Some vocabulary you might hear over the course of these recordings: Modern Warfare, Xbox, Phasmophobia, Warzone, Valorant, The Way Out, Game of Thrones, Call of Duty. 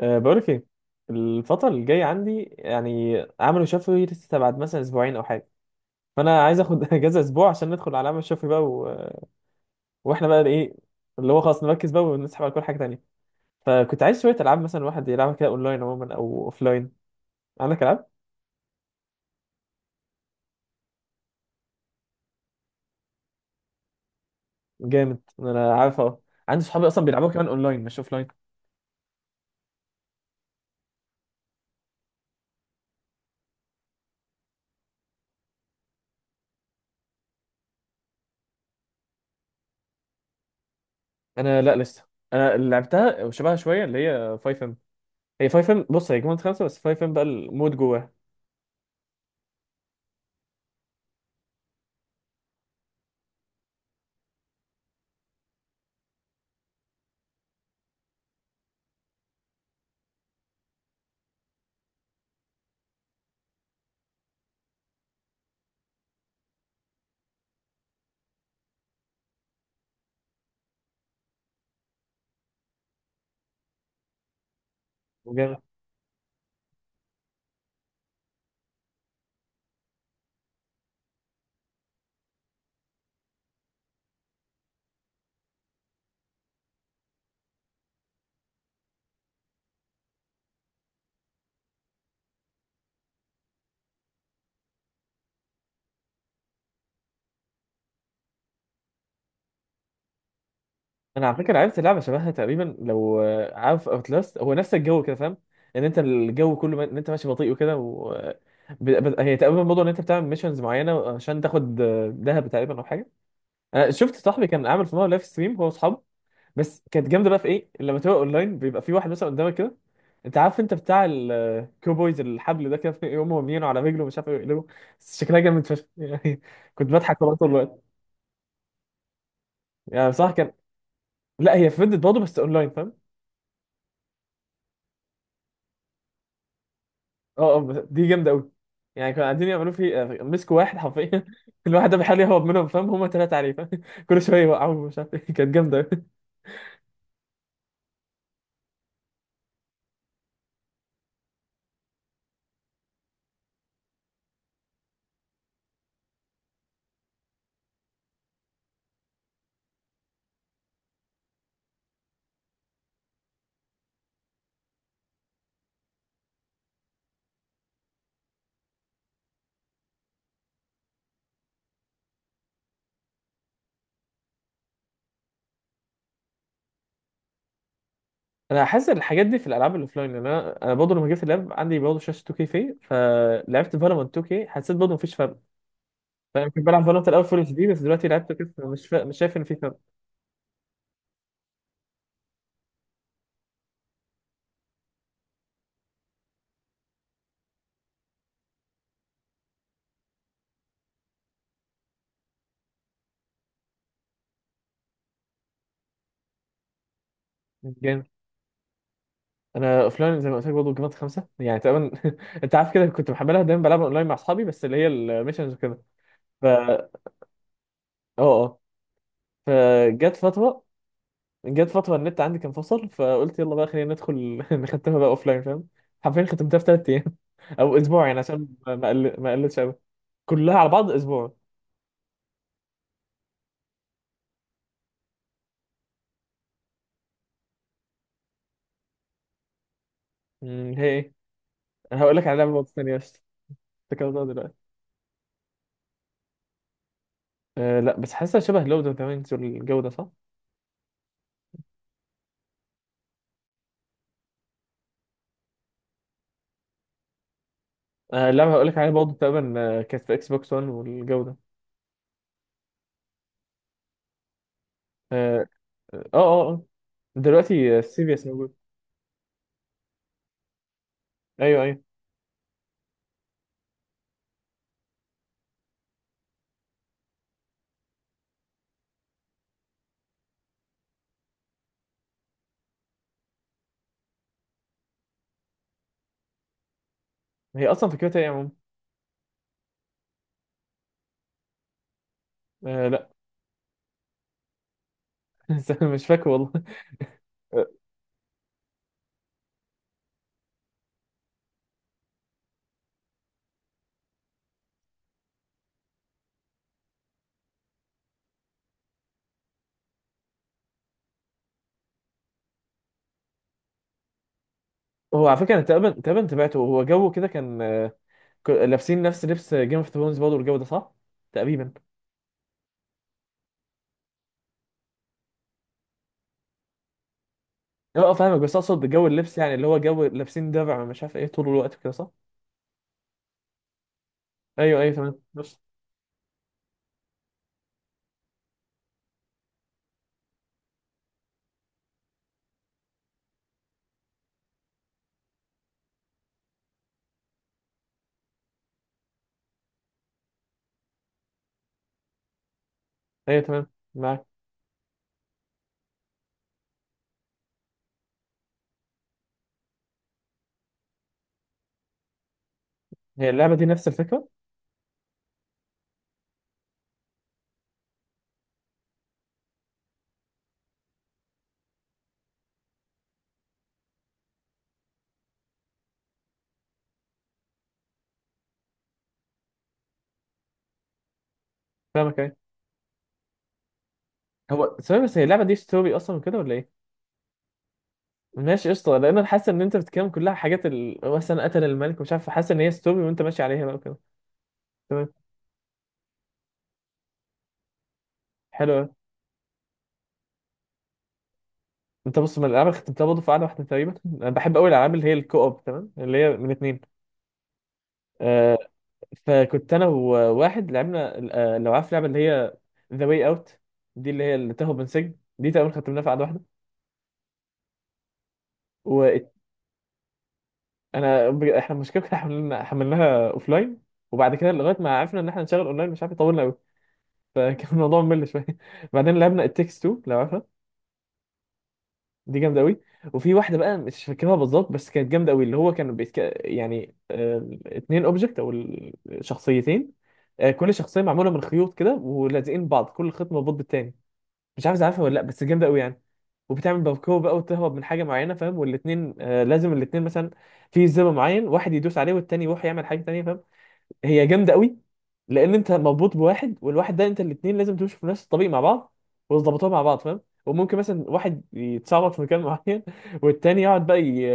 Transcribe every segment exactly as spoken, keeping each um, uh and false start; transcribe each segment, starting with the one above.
أه بقولك ايه؟ الفترة اللي جاية عندي يعني عملوا شفوي لسه بعد مثلا اسبوعين او حاجة، فانا عايز اخد اجازة اسبوع عشان ندخل على عمل شفوي بقى و... واحنا بقى ايه، اللي هو خلاص نركز بقى ونسحب على كل حاجة تانية. فكنت عايز شوية العاب مثلا الواحد يلعبها كده اونلاين عموما او اوفلاين. عندك العاب؟ جامد، انا عارف اه. عندي صحابي اصلا بيلعبوها كمان اونلاين مش اوفلاين. انا لا، لسه انا اللي لعبتها وشبهها شوية اللي هي خمسة ام. هي خمسة ام، بص هي جيم خمسة بس خمسة ام بقى المود جواها. انا على فكره عرفت لعبه شبهها تقريبا، لو آه، عارف اوتلاست هو نفس الجو كده، فاهم ان انت الجو كله ما- ان انت ماشي بطيء وكده و... آه، ب... ب... هي تقريبا موضوع ان انت بتعمل ميشنز معينه عشان تاخد آه، ذهب تقريبا او حاجه. انا شفت صاحبي كان عامل في مره لايف ستريم هو واصحابه، بس كانت جامده بقى في ايه لما تبقى اونلاين، بيبقى في واحد مثلا قدامك كده. انت عارف انت بتاع الكوبويز الحبل ده كده، يقوموا مرمينه على رجله مش عارف يقلبه، بس شكلها جامد فشخ يعني. كنت بضحك والله طول الوقت. يعني بصراحه كان. لا هي في فيديو برضه بس اونلاين، فاهم. اه اه، بس دي جامده قوي. يعني كانوا قاعدين يعملوا في، مسكوا واحد حرفيا كل واحد ده بيحاول يهرب منهم، فاهم هما ثلاثه عليه، فاهم كل شويه يوقعوه مش عارف ايه، كانت جامده قوي. انا حاسس الحاجات دي في الالعاب الاوفلاين، لان انا انا برضه لما جيت اللعب عندي برضه شاشه تو كيه، في فلعبت فالورانت تو كيه حسيت برضه مفيش فرق. فانا كنت بلعب فالورانت الاول فول اتش دي، بس دلوقتي لعبت كيف مش فا... مش شايف ان في فرق. جامد. انا اوفلاين زي ما قلت لك برضه جيمات خمسه يعني تقريبا. انت عارف كده، كنت محملها دايما بلعبها اونلاين مع اصحابي بس اللي هي الميشنز وكده. ف اه اه. فجت فتره. جت فترة النت عندي كان فصل، فقلت يلا بقى خلينا ندخل نختمها بقى اوف لاين، فاهم. حرفيا ختمتها في ثلاث ايام او اسبوع يعني عشان ما ما قل- ما قلتش قوي. كلها على بعض اسبوع. أمم، هي ايه؟ انا هقول لك على لعبه برضه ثانيه بس افتكرتها دلوقتي. أه لا، بس حاسسها شبه لود اوف ذا رينجز والجو ده، صح؟ أه اللعبه هقول لك عليها برضه تقريبا، آه، كانت في اكس بوكس واحد والجو ده. اه اه اه. آه. دلوقتي سيريس موجود. ايوه ايوه. هي اصلا فكرتها ايه يا عم؟ أه لا مش فاكر والله. هو على فكره انا تقريبا تقريبا تابعته، هو جو كده كان، آه، ك- لابسين نفس لبس جيم اوف ثرونز برضه والجو ده، صح؟ تقريبا. اه أه، فاهمك، بس اقصد جو اللبس يعني اللي هو جو لابسين درع مش عارف ايه طول الوقت كده، صح؟ ايوه ايوه تمام بس. ايوه تمام، معاك. هي اللعبه دي نفس الفكره؟ فاهمك ايوه. هو ثواني بس، هي اللعبه دي ستوري اصلا كده ولا ايه؟ ماشي قشطه، لان انا حاسس ان انت بتتكلم كلها حاجات ال... مثلا قتل الملك ومش عارف، حاسس ان هي ستوري وانت ماشي عليها بقى وكده. تمام. حلو أوي. انت بص، من الالعاب اللي ختمتها برضه في قعده واحده تقريبا، انا بحب قوي الالعاب اللي هي الكو اوب، تمام، اللي هي من اتنين. آه، فكنت انا وواحد لعبنا ال- آه، لو عارف اللعبه اللي هي ذا واي اوت، دي اللي هي اللي تهرب من سجن، دي تقريبا ختمناها في قعده واحده. وانا بج- احنا المشكله كنا حملنا حملناها اوف لاين، وبعد كده لغايه ما عرفنا ان احنا نشغل اونلاين، مش عارف طولنا قوي فكان الموضوع ممل شويه بعدين لعبنا التكس اتنين لو عارفها، دي جامده قوي. وفي واحده بقى مش فاكرها بالظبط بس كانت جامده قوي، اللي هو كانوا بيتك... يعني آه، اتنين اوبجكت او الشخصيتين، آه، كل شخصيه معموله من خيوط كده ولازقين بعض، كل خيط مربوط بالتاني، مش عارف إذا عارفها ولا لا، بس جامده قوي يعني. وبتعمل باركور بقى وتهرب من حاجه معينه، فاهم، والاثنين آه لازم الاثنين مثلا في زر معين، واحد يدوس عليه والتاني يروح يعمل حاجه تانيه، فاهم. هي جامده قوي، لان انت مربوط بواحد والواحد ده انت، الاثنين لازم تمشوا في نفس الطريق مع بعض وتظبطوها مع بعض، فاهم. وممكن مثلا واحد يتسرب في مكان معين والتاني يقعد بقى ي...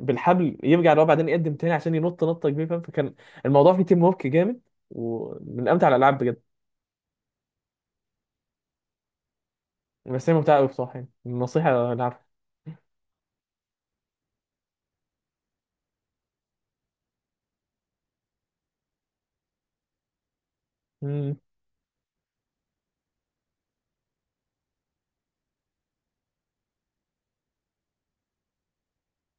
بالحبل يرجع لورا بعدين يقدم تاني عشان ينط نطه كبيره، فاهم. فكان الموضوع فيه تيم ورك جامد، ومن امتع الالعاب بجد. بس هي ممتعه قوي بصراحه، يعني النصيحه العبها.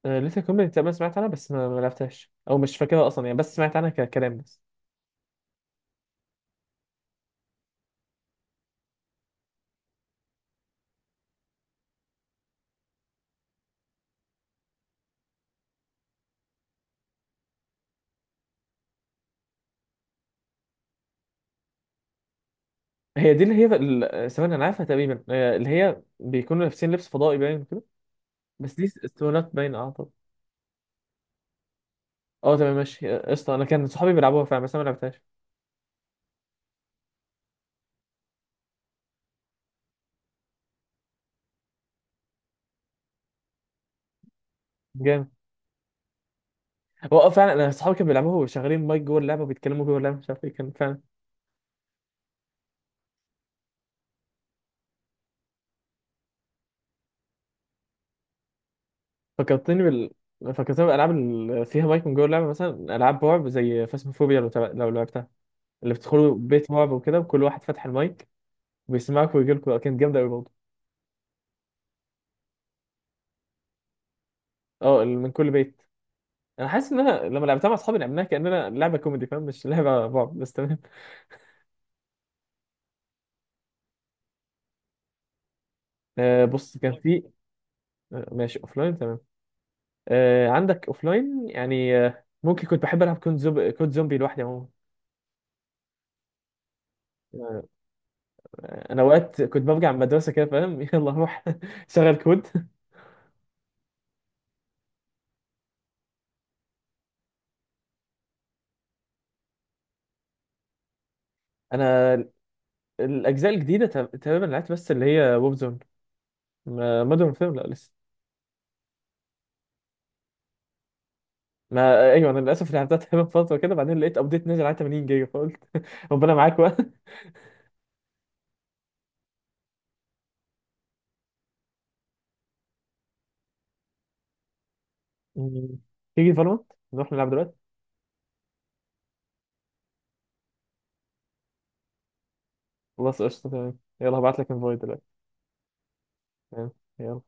آه، لسه كومباني تقريبا سمعت عنها، بس ما ما لعبتهاش او مش فاكرها اصلا يعني، بس سمعت عنها ككلام بس. هي دي اللي هي ال- آه، ثواني انا عارفها تقريبا، آه، اللي هي بيكونوا لابسين لبس فضائي باين كده، بس دي اسطوانات باين اعتقد. اه تمام ماشي، آه، قشطه. انا كان صحابي بيلعبوها فعلا بس انا ما لعبتهاش. جامد. هو آه، فعلا انا صحابي كانوا بيلعبوها وشغالين مايك جوه اللعبه وبيتكلموا جوه اللعبه مش عارف ايه، كان فعلا. فكرتني بال فكرتني بالالعاب اللي فيها مايك من جوه اللعبه، مثلا العاب رعب زي فاسموفوبيا، لو تع- لو لعبتها اللي بتدخلوا بيت رعب وكده وكل واحد فاتح المايك، بيسمعك ويجيلكوا، كانت جامدة أوي برضه. اه، اللي من كل بيت. انا حاسس ان انا لما لعبتها مع اصحابي لعبناها كاننا لعبه كوميدي، فاهم، مش لعبه بعض بس، تمام. آه بص كان في. آه ماشي لاين، تمام. آه عندك لاين يعني، آه ممكن كنت بحب العب كود زومبي، كود زومبي لوحدي عموما. آه، انا اوقات كنت برجع من المدرسه كده، فاهم يلا روح شغل كود. انا الاجزاء الجديده تق- تقريبا لعبت، بس اللي هي ووب زون، ما مودرن وورفير لا لسه. ما ايوه انا للاسف لعبتها تقريبا فتره كده، بعدين لقيت ابديت نزل على تمانين جيجا فقلت ربنا معاك بقى. مم. تيجي فالورانت نروح نلعب دلوقتي؟ خلاص قشطة تمام، يلا هبعت لك انفايت دلوقتي. تمام يلا